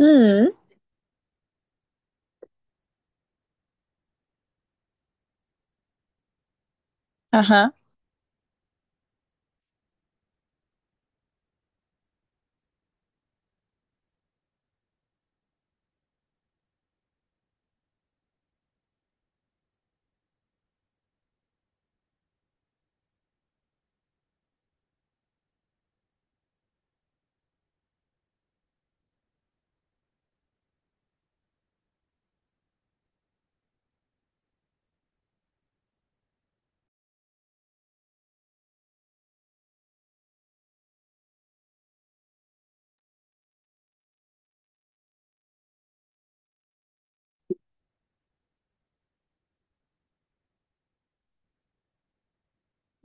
Hı. Aha.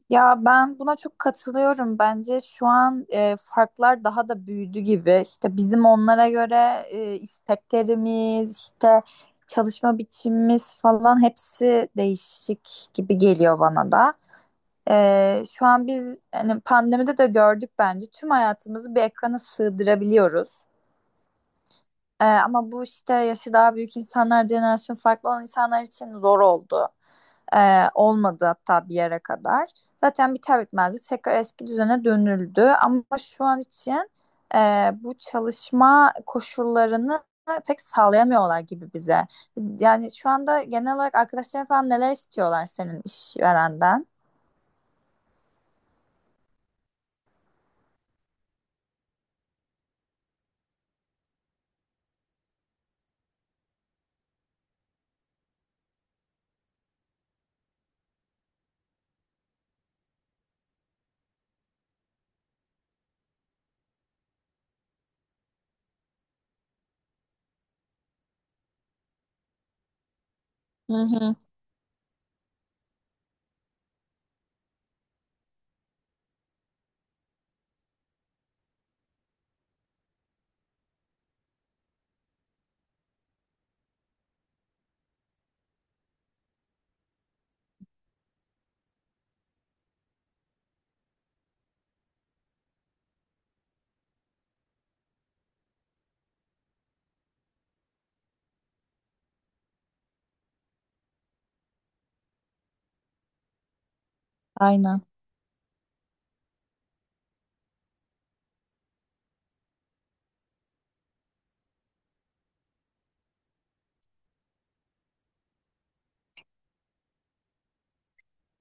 Ya ben buna çok katılıyorum. Bence şu an farklar daha da büyüdü gibi. İşte bizim onlara göre isteklerimiz, işte çalışma biçimimiz falan hepsi değişik gibi geliyor bana da. Şu an biz hani pandemide de gördük bence tüm hayatımızı bir ekrana sığdırabiliyoruz. Ama bu işte yaşı daha büyük insanlar, jenerasyon farklı olan insanlar için zor oldu. Olmadı hatta bir yere kadar. Zaten biter bitmez de tekrar eski düzene dönüldü. Ama şu an için bu çalışma koşullarını pek sağlayamıyorlar gibi bize. Yani şu anda genel olarak arkadaşların falan neler istiyorlar senin işverenden? Hı hı. Aynen.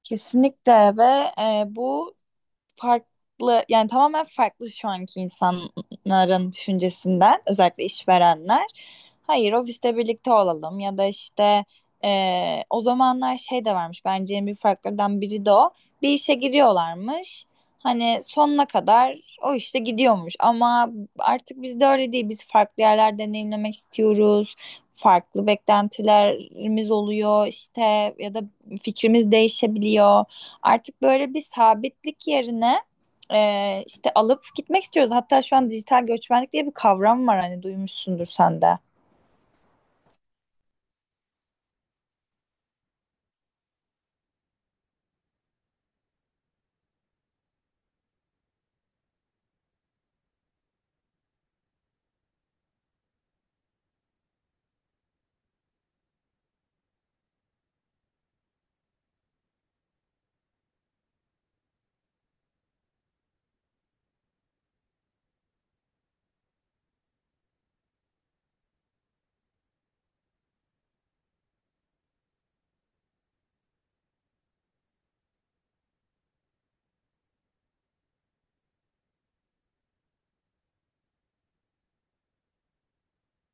Kesinlikle ve bu farklı yani tamamen farklı şu anki insanların düşüncesinden özellikle işverenler. Hayır, ofiste birlikte olalım ya da işte o zamanlar şey de varmış, bence en büyük farklardan biri de o. Bir işe giriyorlarmış. Hani sonuna kadar o işte gidiyormuş ama artık bizde öyle değil. Biz farklı yerler deneyimlemek istiyoruz. Farklı beklentilerimiz oluyor işte ya da fikrimiz değişebiliyor. Artık böyle bir sabitlik yerine işte alıp gitmek istiyoruz. Hatta şu an dijital göçmenlik diye bir kavram var, hani duymuşsundur sen de.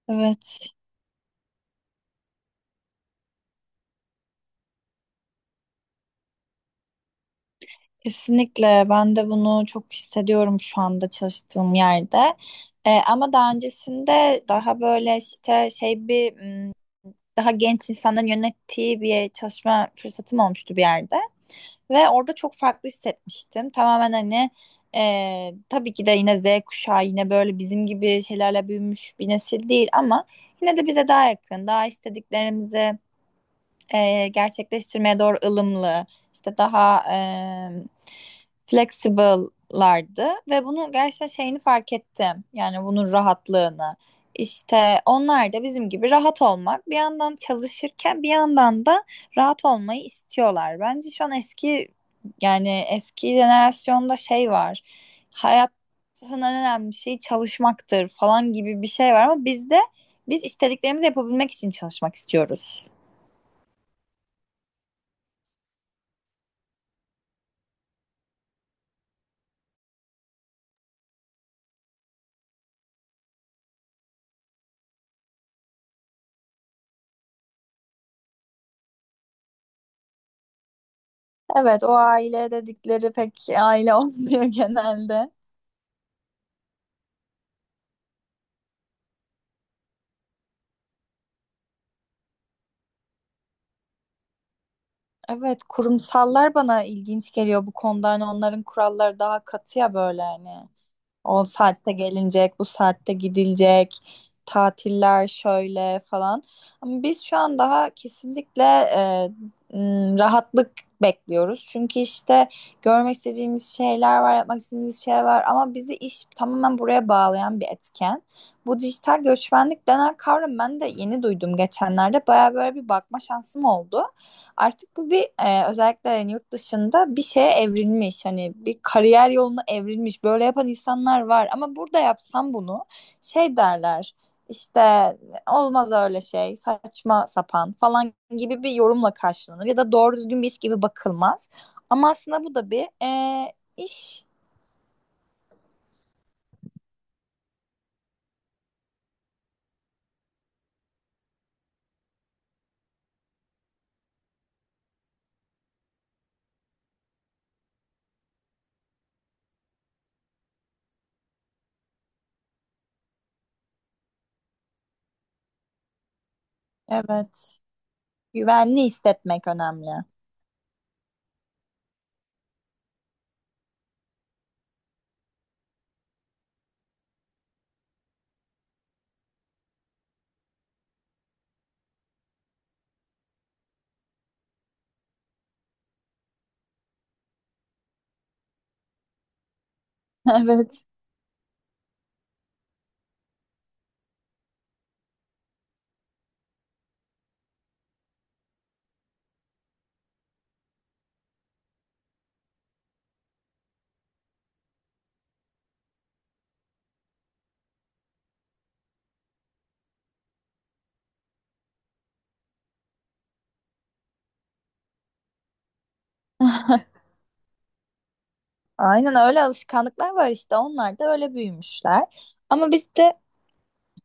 Evet. Kesinlikle ben de bunu çok hissediyorum şu anda çalıştığım yerde. Ama daha öncesinde daha böyle işte şey bir m, daha genç insanların yönettiği bir çalışma fırsatım olmuştu bir yerde. Ve orada çok farklı hissetmiştim. Tamamen hani tabii ki de yine Z kuşağı, yine böyle bizim gibi şeylerle büyümüş bir nesil değil ama yine de bize daha yakın, daha istediklerimizi gerçekleştirmeye doğru ılımlı, işte daha flexible'lardı ve bunu gerçekten şeyini fark ettim. Yani bunun rahatlığını. İşte onlar da bizim gibi rahat olmak, bir yandan çalışırken bir yandan da rahat olmayı istiyorlar. Bence şu an eski yani eski jenerasyonda şey var. Hayatın en önemli şeyi çalışmaktır falan gibi bir şey var ama bizde biz istediklerimizi yapabilmek için çalışmak istiyoruz. Evet, o aile dedikleri pek aile olmuyor genelde. Evet, kurumsallar bana ilginç geliyor bu konuda. Hani onların kuralları daha katı ya böyle hani. O saatte gelinecek, bu saatte gidilecek, tatiller şöyle falan. Ama biz şu an daha kesinlikle rahatlık bekliyoruz. Çünkü işte görmek istediğimiz şeyler var, yapmak istediğimiz şeyler var ama bizi iş tamamen buraya bağlayan bir etken. Bu dijital göçmenlik denen kavram ben de yeni duydum geçenlerde. Baya böyle bir bakma şansım oldu. Artık bu bir özellikle yani yurt dışında bir şeye evrilmiş. Hani bir kariyer yoluna evrilmiş. Böyle yapan insanlar var. Ama burada yapsam bunu şey derler. İşte olmaz öyle şey, saçma sapan falan gibi bir yorumla karşılanır. Ya da doğru düzgün bir iş gibi bakılmaz. Ama aslında bu da bir iş. Evet. Güvenli hissetmek önemli. Evet. Aynen öyle, alışkanlıklar var işte. Onlar da öyle büyümüşler. Ama biz de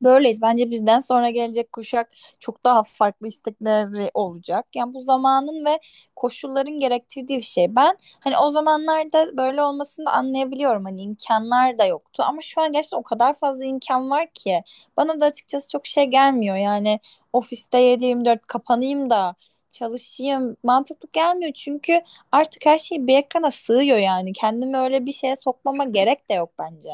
böyleyiz. Bence bizden sonra gelecek kuşak çok daha farklı istekleri olacak. Yani bu zamanın ve koşulların gerektirdiği bir şey. Ben hani o zamanlarda böyle olmasını da anlayabiliyorum. Hani imkanlar da yoktu. Ama şu an gerçekten o kadar fazla imkan var ki. Bana da açıkçası çok şey gelmiyor. Yani ofiste 7-24 kapanayım da çalışayım mantıklı gelmiyor. Çünkü artık her şey bir ekrana sığıyor yani. Kendimi öyle bir şeye sokmama gerek de yok bence.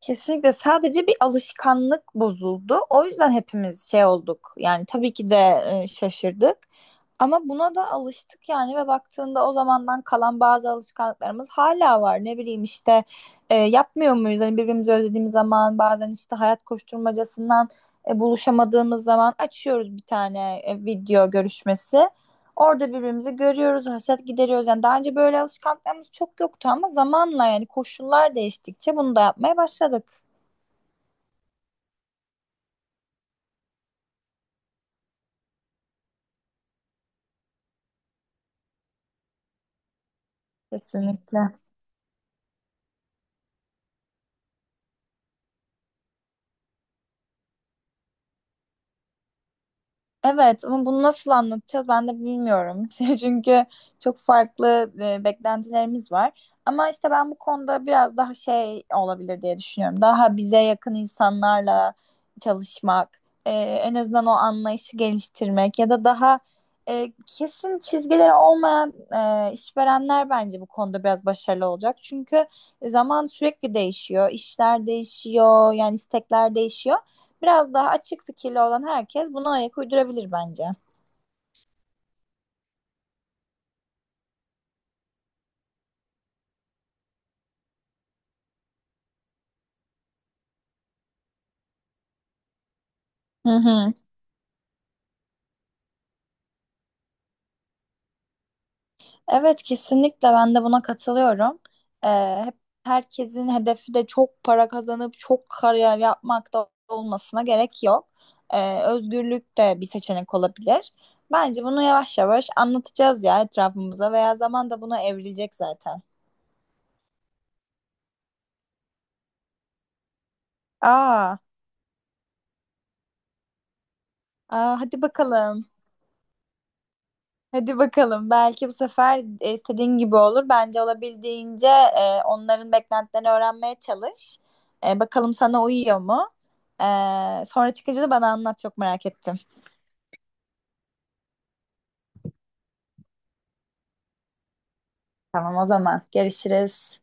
Kesinlikle sadece bir alışkanlık bozuldu. O yüzden hepimiz şey olduk. Yani tabii ki de şaşırdık ama buna da alıştık yani ve baktığında o zamandan kalan bazı alışkanlıklarımız hala var. Ne bileyim işte yapmıyor muyuz? Hani birbirimizi özlediğimiz zaman bazen işte hayat koşturmacasından buluşamadığımız zaman açıyoruz bir tane video görüşmesi. Orada birbirimizi görüyoruz, hasret gideriyoruz. Yani daha önce böyle alışkanlıklarımız çok yoktu ama zamanla yani koşullar değiştikçe bunu da yapmaya başladık. Kesinlikle. Evet ama bunu nasıl anlatacağız ben de bilmiyorum. Çünkü çok farklı beklentilerimiz var. Ama işte ben bu konuda biraz daha şey olabilir diye düşünüyorum. Daha bize yakın insanlarla çalışmak, en azından o anlayışı geliştirmek ya da daha kesin çizgileri olmayan işverenler bence bu konuda biraz başarılı olacak. Çünkü zaman sürekli değişiyor, işler değişiyor, yani istekler değişiyor. Biraz daha açık fikirli olan herkes buna ayak uydurabilir bence. Hı hı. Evet, kesinlikle ben de buna katılıyorum. Hep herkesin hedefi de çok para kazanıp çok kariyer yapmak da olmasına gerek yok. Özgürlük de bir seçenek olabilir. Bence bunu yavaş yavaş anlatacağız ya etrafımıza, veya zaman da buna evrilecek zaten. Aa, aa hadi bakalım. Hadi bakalım. Belki bu sefer istediğin gibi olur. Bence olabildiğince onların beklentilerini öğrenmeye çalış. E, bakalım sana uyuyor mu? E, sonra çıkınca da bana anlat. Çok merak ettim. Tamam o zaman. Görüşürüz.